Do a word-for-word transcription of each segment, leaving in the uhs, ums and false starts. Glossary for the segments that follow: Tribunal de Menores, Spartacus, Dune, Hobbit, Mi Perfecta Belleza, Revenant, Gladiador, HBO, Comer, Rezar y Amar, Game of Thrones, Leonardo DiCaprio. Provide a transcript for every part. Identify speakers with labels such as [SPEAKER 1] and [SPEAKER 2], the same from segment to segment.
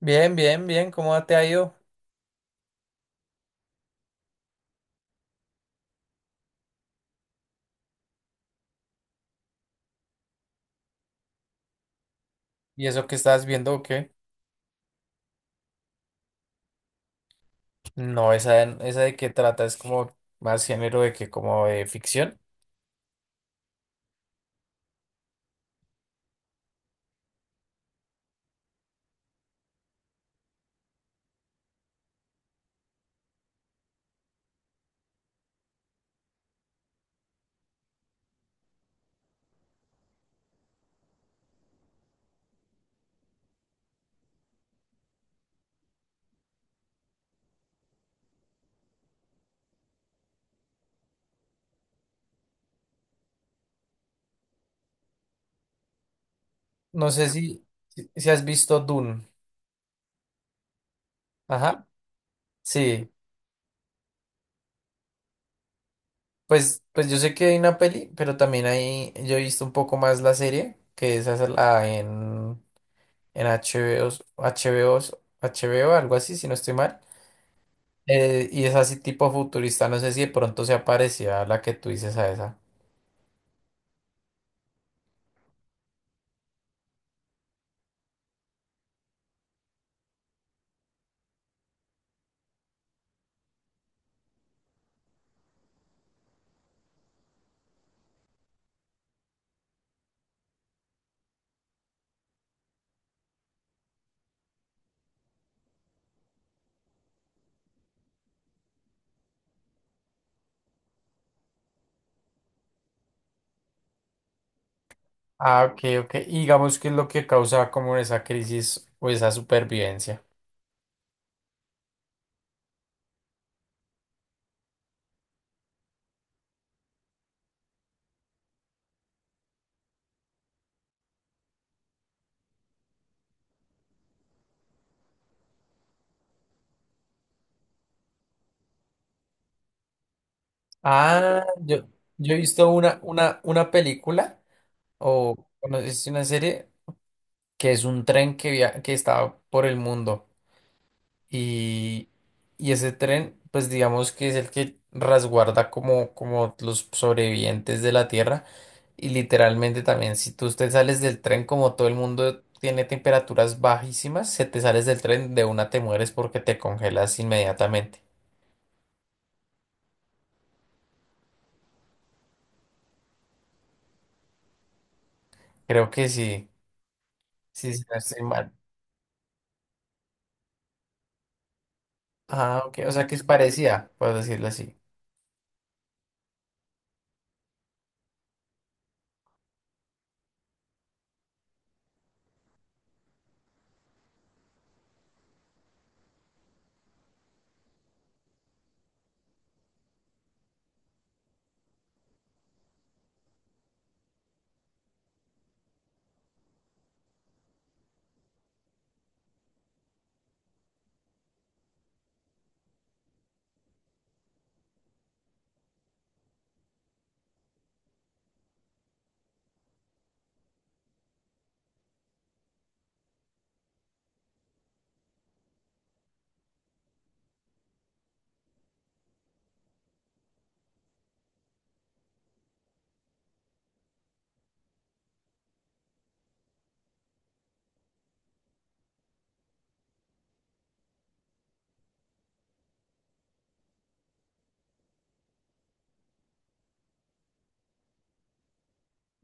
[SPEAKER 1] Bien, bien, bien, ¿cómo te ha ido? ¿Y eso que estás viendo o qué? No, esa, de- esa de qué trata es como más género de que como de ficción. No sé si, si si has visto Dune. Ajá, sí. Pues, pues yo sé que hay una peli, pero también hay, yo he visto un poco más la serie, que esa es la en, en H B O, H B O, H B O, algo así, si no estoy mal. Eh, y es así tipo futurista, no sé si de pronto se aparecía la que tú dices a esa. Ah, ok, ok. Y digamos qué es lo que causa como esa crisis o esa supervivencia. Ah, yo, yo he visto una, una, una película o bueno, es una serie que es un tren que, via- que está por el mundo. Y, y ese tren, pues digamos que es el que resguarda como, como los sobrevivientes de la Tierra. Y literalmente también, si tú te sales del tren, como todo el mundo tiene temperaturas bajísimas, si te sales del tren, de una te mueres porque te congelas inmediatamente. Creo que sí, sí, sí, no estoy mal. Ah, ok, o sea que es parecida, por decirlo así.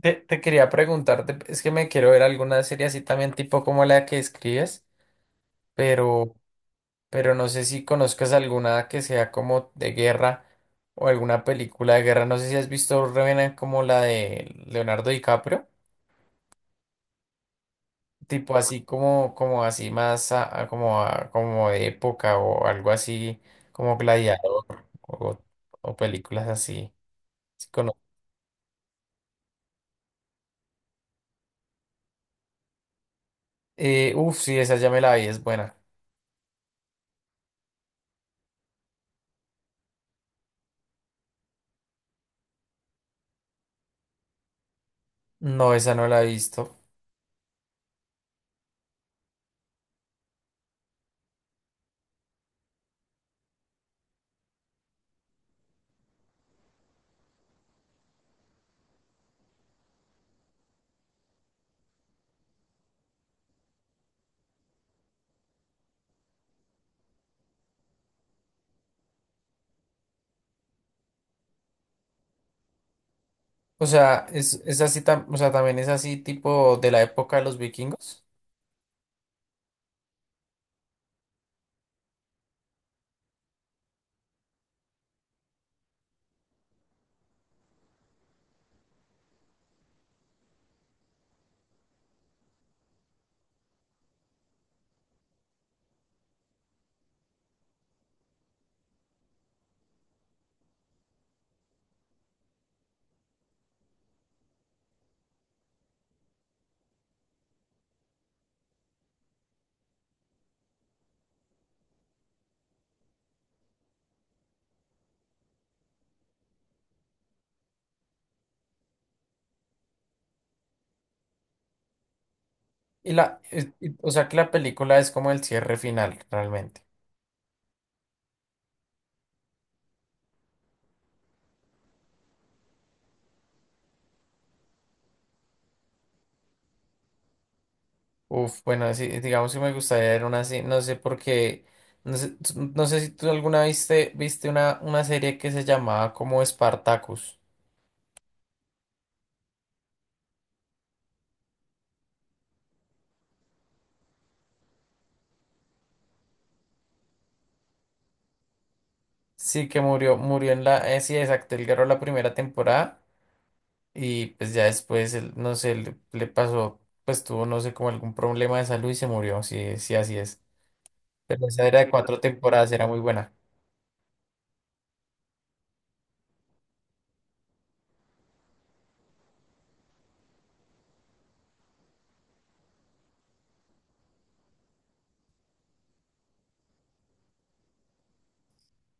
[SPEAKER 1] Te, te quería preguntarte, es que me quiero ver alguna serie así también tipo como la que escribes, pero... pero no sé si conozcas alguna que sea como de guerra o alguna película de guerra. No sé si has visto Revenant como la de Leonardo DiCaprio, tipo así como, como así más a- a- como, a- como de época o algo así como Gladiador o, o películas así. Sí cono- Eh, uf, sí, esa ya me la vi, es buena. No, esa no la he visto. O sea, es, es así, tam- o sea, también es así tipo de la época de los vikingos. Y la, es- y- o sea que la película es como el cierre final, realmente. Uf, bueno, sí, digamos que me gustaría ver una así, no sé por qué, no sé, no sé si tú alguna viste, viste una, una serie que se llamaba como Spartacus. Sí, que murió, murió en la, eh, sí, exacto, él ganó la primera temporada y pues ya después, él, no sé, le, le pasó, pues tuvo, no sé, como algún problema de salud y se murió, sí, sí, así es. Pero esa era de cuatro temporadas, era muy buena.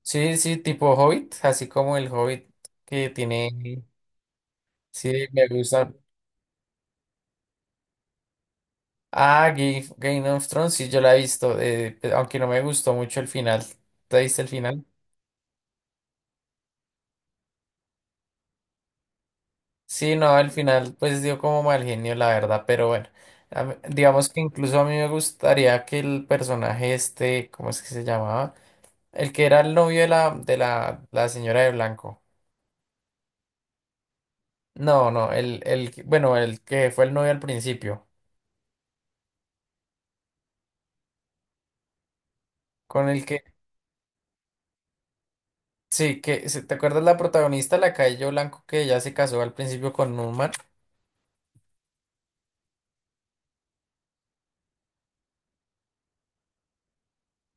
[SPEAKER 1] Sí, sí, tipo Hobbit, así como el Hobbit que tiene. Sí, me gusta. Ah, Game, Game of Thrones, sí, yo la he visto, eh, pe- aunque no me gustó mucho el final. ¿Te viste el final? Sí, no, el final pues dio como mal genio, la verdad, pero bueno. A mí- digamos que incluso a mí me gustaría que el personaje este, ¿cómo es que se llamaba? El que era el novio de la, de la, la señora de blanco. No, no, el, el, que- bueno, el que fue el novio al principio. Con el que sí, que ¿se- ¿te acuerdas la protagonista, la Cabello Blanco, que ya se casó al principio con Numan?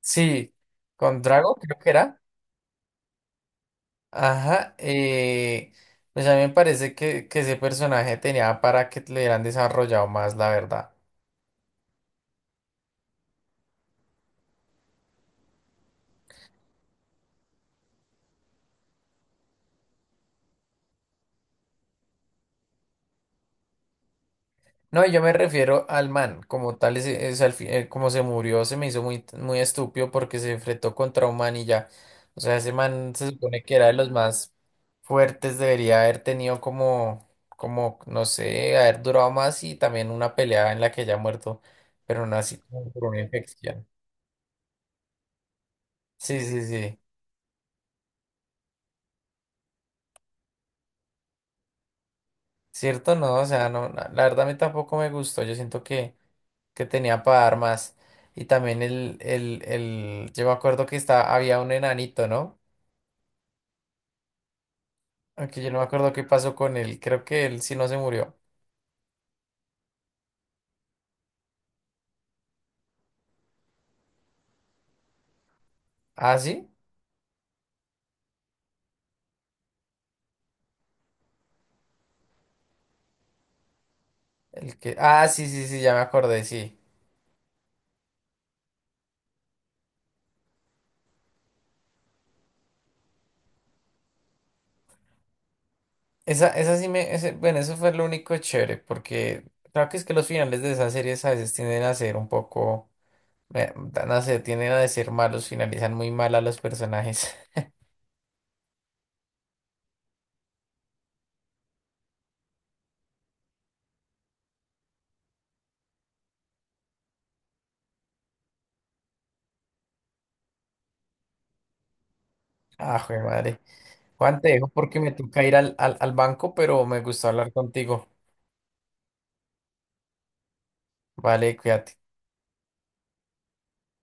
[SPEAKER 1] Sí, con Drago, creo que era. Ajá, eh, pues a mí me parece que, que ese personaje tenía para que le hubieran desarrollado más, la verdad. No, y yo me refiero al man, como tal, es, es al fi- eh, como se murió, se me hizo muy, muy estúpido porque se enfrentó contra un man y ya. O sea, ese man se supone que era de los más fuertes, debería haber tenido como, como, no sé, haber durado más y también una pelea en la que ya muerto, pero no así como por una infección. Sí, sí, sí. Cierto, no, o sea, no, na- la verdad a mí tampoco me gustó. Yo siento que, que tenía para dar más. Y también el, el, el, yo me acuerdo que estaba, había un enanito, ¿no? Aunque yo no me acuerdo qué pasó con él. Creo que él sí no se murió. ¿Ah, sí? El que, ah, sí, sí, sí, ya me acordé, sí. Esa, esa sí me, ese- bueno, eso fue lo único chévere, porque creo que es que los finales de esas series a veces tienden a ser un poco, eh, no sé, tienden a ser malos, finalizan muy mal a los personajes. Ah, joder, madre. Juan, te dejo porque me toca ir al, al, al banco, pero me gustó hablar contigo. Vale, cuídate.